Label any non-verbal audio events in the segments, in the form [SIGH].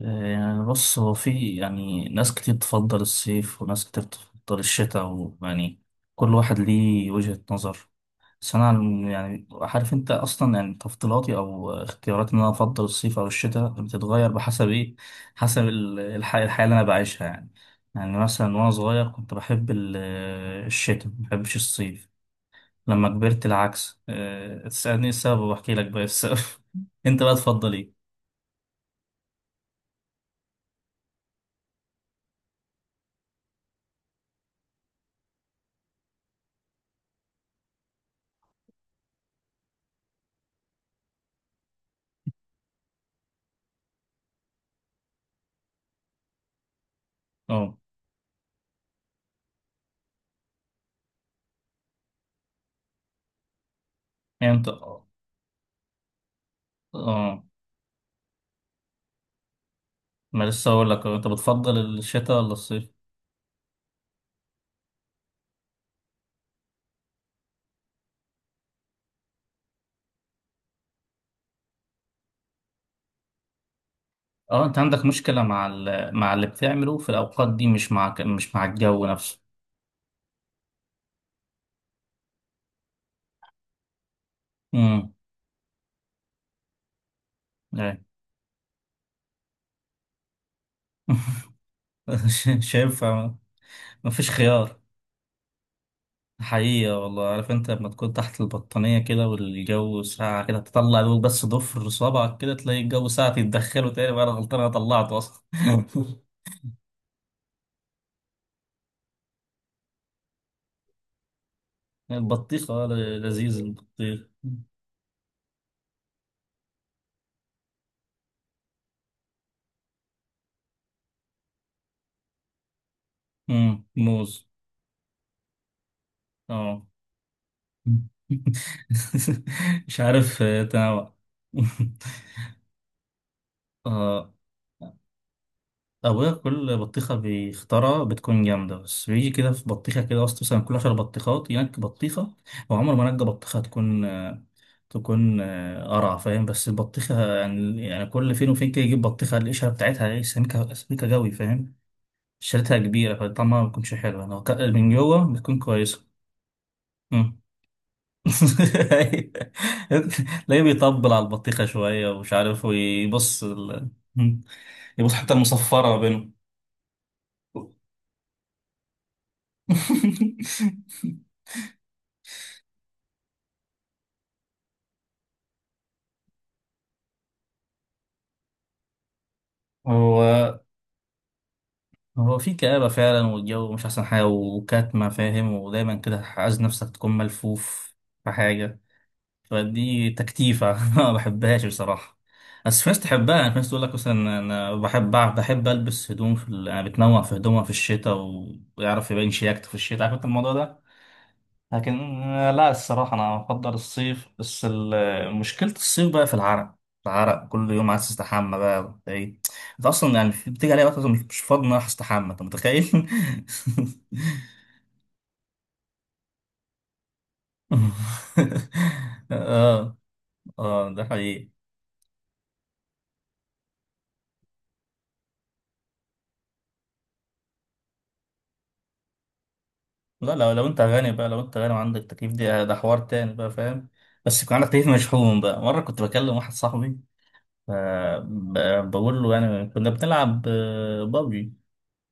يعني بص، هو في يعني ناس كتير تفضل الصيف وناس كتير تفضل الشتاء، ويعني كل واحد ليه وجهة نظر. بس أنا يعني عارف أنت أصلا، يعني تفضيلاتي أو اختياراتي إن أنا أفضل الصيف أو الشتاء بتتغير بحسب إيه، حسب الحياة اللي أنا بعيشها يعني. يعني مثلا وأنا صغير كنت بحب الشتاء، مبحبش الصيف. لما كبرت العكس. تسألني السبب وأحكي لك بقى السبب. [LAUGHS] أنت بقى تفضل إيه؟ أه. يعني أنت، أه، ما لسه اقول لك انت بتفضل الشتاء ولا الصيف. اه انت عندك مشكلة مع مع اللي بتعمله في الاوقات دي، مش مع مش مع الجو نفسه. امم. ايه. [LAUGHS] مش هينفع. مفيش خيار. حقيقة والله، عارف انت لما تكون تحت البطانية كده والجو ساقع كده، تطلع دوب بس ضفر صبعك، كده تلاقي الجو ساقع، تتدخله تاني بقى انا غلطان انا طلعته اصلا. [LAUGHS] البطيخ، اه، لذيذ البطيخ. امم، موز. اه. [LAUGHS] مش عارف، تنوع. [LAUGHS] آه، أبويا كل بطيخة بيختارها بتكون جامدة، بس بيجي كده في بطيخة كده أصلا، مثلا كل 10 بطيخات ينك بطيخة. هو عمره ما نجى بطيخة تكون تكون قرع فاهم، بس البطيخة يعني يعني كل فين وفين كده يجيب بطيخة القشرة بتاعتها إيه، سميكة، سميكة جوي فاهم. شريتها كبيرة فطعمها ما بيكونش حلو، لو من جوه بتكون كويسة. تلاقيه بيطبل على البطيخة شوية ومش عارف ويبص يبص حتى المصفرة ما بينهم. [LAUGHS] هو هو في كآبة فعلا، والجو مش أحسن حاجة وكاتمة فاهم، ودايما كده عايز نفسك تكون ملفوف في حاجة. فدي تكتيفة، [LAUGHS] ما بحبهاش بصراحة. بس في ناس تحبها يعني. في ناس تقول لك مثلا أنا بحب، ألبس هدوم في أنا بتنوع في هدومها في الشتاء، ويعرف يبين شياكته في الشتاء، عارف أنت الموضوع ده. لكن لا الصراحة أنا بفضل الصيف، بس مشكلة الصيف بقى في العرق. العرق كل يوم عايز تستحمى بقى، وأنت إيه، أنت أصلا يعني بتيجي عليا وقت أصلاً مش مش فاضي إن أنا أروح أستحمى، أنت متخيل؟ [LAUGHS] آه. آه ده حقيقي. لا لو، لو أنت غني بقى، لو أنت غني وعندك تكييف دي، ده حوار تاني بقى فاهم. بس يكون عندك تكييف مشحون بقى. مرة كنت بكلم واحد صاحبي، ف- بقول له يعني كنا بنلعب بابجي،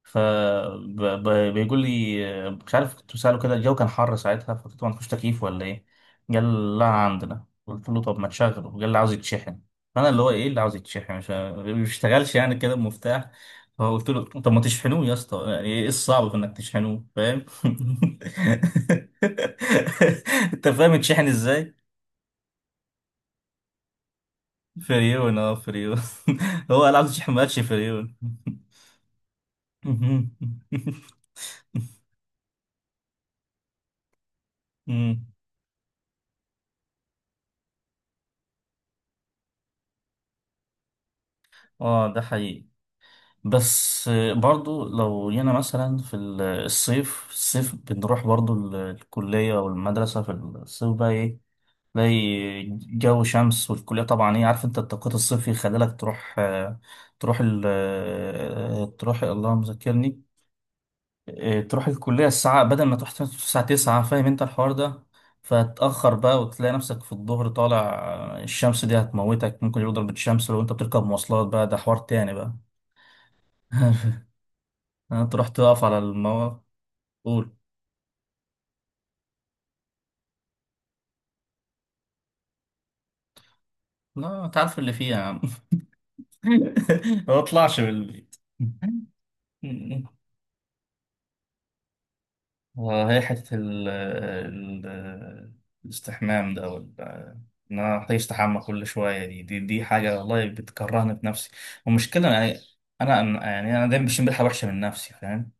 فبيقول لي مش عارف. كنت بسأله كده، الجو كان حر ساعتها فقلت له ما عندكوش تكييف ولا ايه؟ قال لا عندنا. قلت له طب ما تشغله. قال اللي عاوز يتشحن. فانا اللي هو ايه اللي عاوز يتشحن، مش ما بيشتغلش يعني كده بمفتاح؟ فقلت له طب ما تشحنوه يا اسطى، يعني ايه الصعب في انك تشحنوه فاهم؟ [LAUGHS] انت فاهم يتشحن ازاي؟ فريون، اه فريون. [LAUGHS] هو قال عاوز يشحن، ما قالش فريون. [LAUGHS] مم. اه ده حقيقي. بس برضو لو جينا مثلا في الصيف، بنروح برضو الكلية والمدرسة في الصيف بقى ايه، تلاقي جو شمس، والكلية طبعا ايه، عارف انت التوقيت الصيفي يخليلك تروح، آه، تروح ال آه، تروح الله مذكرني، تروح الكلية الساعة، بدل ما تروح الساعة 9 فاهم انت الحوار ده. فتأخر بقى، وتلاقي نفسك في الظهر طالع، الشمس دي هتموتك، ممكن يضرب الشمس، لو انت بتركب مواصلات بقى ده حوار تاني بقى. [LAUGHS] انت رحت تقف على المواقف. قول. لا انت عارف اللي فيها يا عم. [LAUGHS] ما اطلعش من البيت. [LAUGHS] هي حتة الاستحمام ده، ولا إن أنا أحتاج أستحمى كل شوية دي، دي حاجة والله بتكرهني في نفسي. والمشكلة يعني، أنا يعني أنا دايما بشم ريحة وحشة من نفسي فاهم.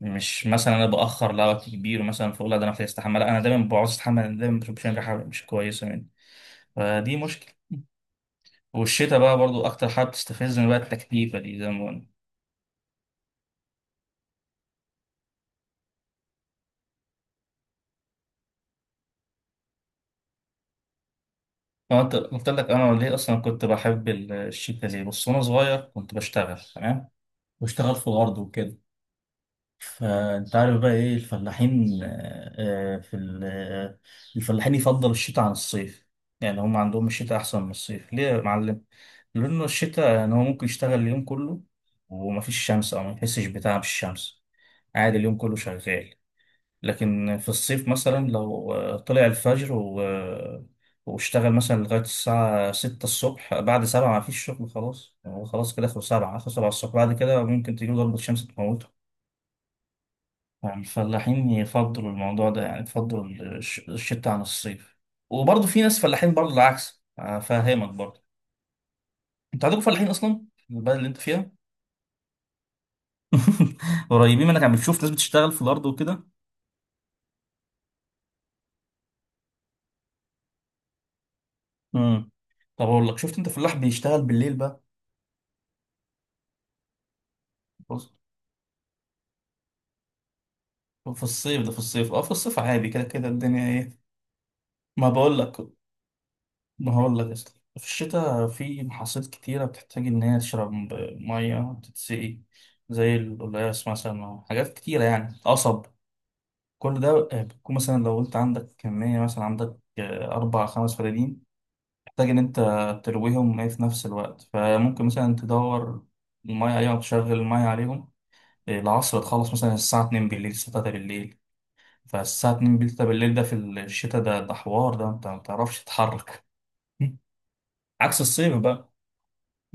مش مثلا أنا بأخر لوقت كبير مثلا فأقول لا ده أنا محتاج أستحمى، لا أنا دايما بعوز أستحمى، أنا دايما بشم ريحة مش كويسة مني. فدي مشكلة. والشتاء بقى برضو اكتر حاجه بتستفزني بقى التكليفه دي زي ما قلنا. أنا قلت، قلت لك انا ليه اصلا كنت بحب الشتاء ليه. بص وانا صغير كنت بشتغل تمام، بشتغل في الارض وكده. فانت عارف بقى ايه الفلاحين، آه، آه، في ال- آه، الفلاحين يفضل الشتاء عن الصيف. يعني هم عندهم الشتاء احسن من الصيف، ليه يا معلم؟ لانه الشتاء يعني هو ممكن يشتغل اليوم كله ومفيش شمس، او ما يحسش بتعب الشمس، عادي اليوم كله شغال. لكن في الصيف مثلا لو طلع الفجر و... آه، واشتغل مثلا لغاية الساعة 6 الصبح، بعد 7 ما فيش شغل خلاص، هو خلاص كده آخر 7، آخر 7 الصبح، بعد كده ممكن تجيله ضربة شمس تموته. يعني الفلاحين يفضلوا الموضوع ده، يعني يفضلوا الشتاء عن الصيف. وبرضه في ناس فلاحين برضه العكس أفهمك برضه. أنت عندكم فلاحين أصلا في البلد اللي أنت فيها؟ [LAUGHS] قريبين منك عم، بتشوف ناس بتشتغل في الأرض وكده؟ امم. طب أقول لك، شفت أنت فلاح بيشتغل بالليل بقى؟ في الصيف ده، في الصيف اه، في الصيف عادي كده كده الدنيا ايه. ما بقول لك، ما هقول لك اصلا، في الشتاء في محاصيل كتيرة بتحتاج إن هي تشرب مية، تتسقي، زي القلقاس مثلا، حاجات كتيرة يعني، قصب، كل ده بتكون مثلا لو أنت عندك كمية، مثلا عندك 4 5 فدادين، محتاج إن أنت ترويهم إيه في نفس الوقت، فممكن مثلا تدور المية عليهم، تشغل المية عليهم العصر، تخلص مثلا الساعة 2 بالليل الساعة 3 بالليل. فالساعة 2 بالليل، طب بالليل ده في الشتاء ده، ده حوار ده انت ما بتعرفش تتحرك. [LAUGHS] عكس الصيف بقى.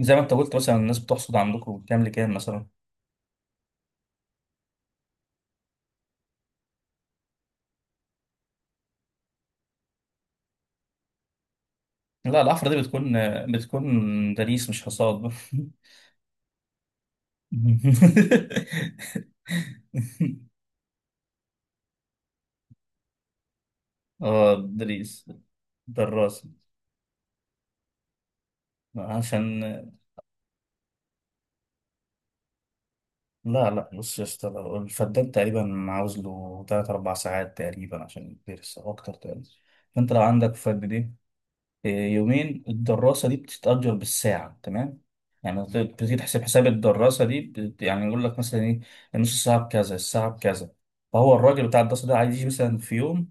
زي ما انت قلت مثلا الناس بتحصد عندكم من كام لكام مثلا. لا الحفرة دي بتكون، بتكون دليس مش حصاد. [LAUGHS] اه دريس، دراس، عشان، لا لا بص يا اسطى، لو الفدان تقريبا عاوز له تلات أربع ساعات تقريبا عشان يدرس، أو أكتر تقريبا. فأنت لو عندك يومين، الدراسة دي بتتأجر بالساعة تمام. يعني بتيجي تحسب حساب الدراسة دي يعني يقول لك مثلا ايه، النص ساعة بكذا الساعة بكذا. فهو الراجل بتاع الدراسة ده عايز يجي مثلا في يوم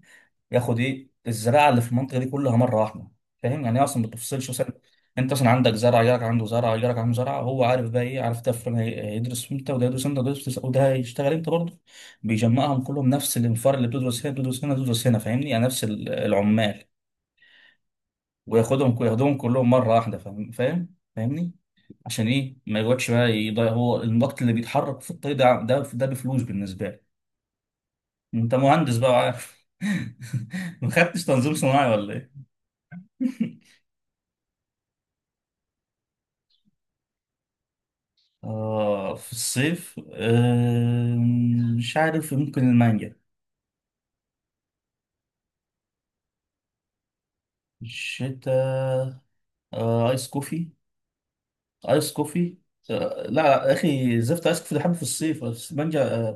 ياخد ايه الزراعة اللي في المنطقة دي كلها مرة واحدة، فاهم يعني هي أصلا ما بتفصلش مثلا. أنت مثلا عندك زرع، جارك عنده زرع، جارك عنده زرع، هو عارف بقى ايه، عارف ده فلان هيدرس امتى، وده يدرس امتى، وده يدرس، وده هيشتغل امتى برضه. بيجمعهم كلهم، نفس الانفار اللي بتدرس هنا بتدرس هنا بتدرس هنا، فاهمني يعني نفس العمال، وياخدهم، ياخدهم كلهم مره واحده فاهم، فاهم فاهمني. عشان ايه، ما يقعدش بقى يضيع، هو النط اللي بيتحرك في الطريق ده ده ده بفلوس بالنسبه لي. انت مهندس بقى وعارف، [LAUGHS] ما خدتش تنظيم صناعي ولا ايه؟ [LAUGHS] اه في الصيف آه، مش عارف ممكن المانجا. الشتاء، آه ايس كوفي، ايس كوفي آه. لا لا يا اخي زفت، ايس كوفي ده بحبه في الصيف، بس مانجا.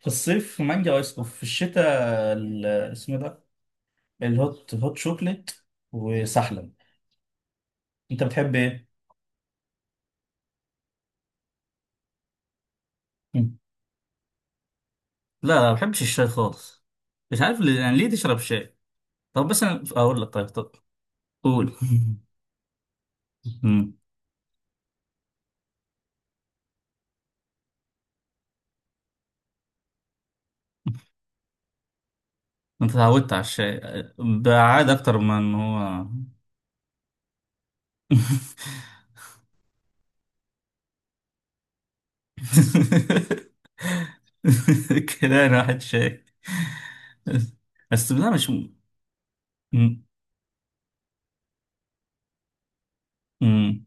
في الصيف مانجا، وايس كوفي في الشتاء. ال- اسمه ده الهوت، هوت شوكليت، وسحلب. انت بتحب ايه؟ مم. لا لا ما بحبش الشاي خالص. مش عارف ليه، يعني ليه تشرب شاي؟ طب بس انا اقول لك، طيب، طب قول. [LAUGHS] مم. انت اتعودت على الشاي، بعاد اكتر من ان هو. [LAUGHS] كده انا واحد شاي. بس ده مش م... م...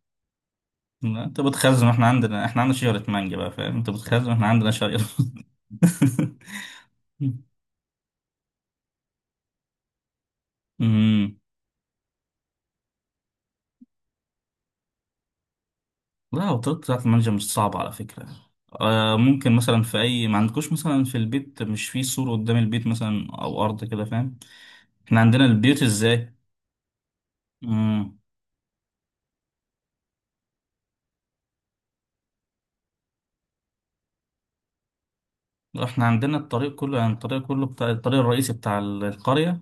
لا، انت بتخزن، احنا عندنا، احنا عندنا شجرة مانجا بقى فاهم، انت بتخزن، احنا عندنا شجرة. [LAUGHS] م... لا وطريقة بتاعة المانجا مش صعبة على فكرة. آه ممكن مثلا في أي، ما عندكوش مثلا في البيت مش في سور قدام البيت مثلا، أو أرض كده فاهم؟ احنا عندنا البيوت ازاي؟ مم. احنا عندنا الطريق كله، يعني الطريق كله بتاع، الطريق الرئيسي بتاع القرية،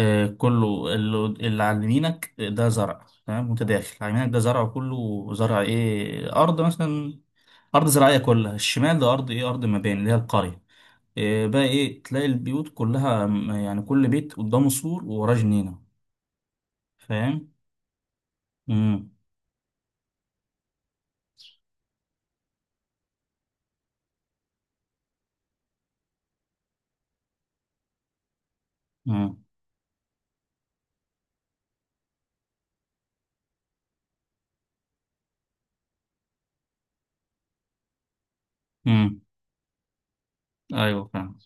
آه كله، اللي على يمينك ده زرع تمام، وانت داخل على يمينك ده زرع، كله زرع ايه أرض مثلا، أرض زراعية كلها. الشمال ده أرض ايه، أرض مباني اللي هي القرية. إيه بقى ايه، تلاقي البيوت كلها يعني كل بيت قدامه سور ووراه جنينة فاهم. امم. امم. امم. ايوه فاهم.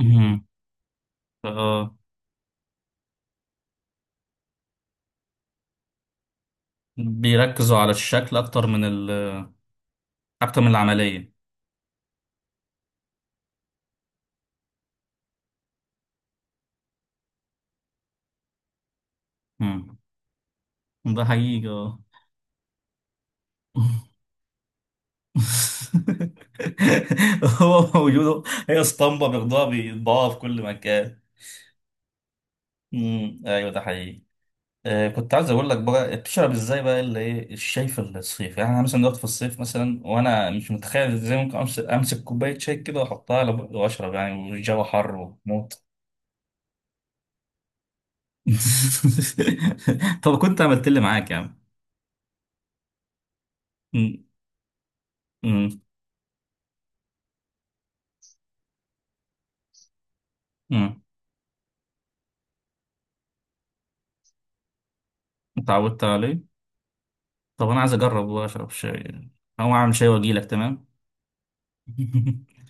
امم. اه بيركزوا على الشكل اكتر من ال، اكتر من العملية. امم ده حقيقي اه. [LAUGHS] هو موجود. هي اسطمبة بياخدوها بيطبعوها في كل مكان. ايوه ده حقيقي. آه، كنت عايز اقول لك بقى بتشرب ازاي بقى اللي ايه الشاي في الصيف. يعني انا مثلا دلوقتي في الصيف مثلا، وانا مش متخيل ازاي ممكن امسك، امسك كوبايه شاي كده واحطها على بقي واشرب يعني والجو حر وموت. [LAUGHS] طب كنت عملت لي معاك يا عم. م- م- م. اتعودت عليه. طب انا عايز اجرب واشرب شاي، او اعمل شاي واجي لك تمام. [LAUGHS]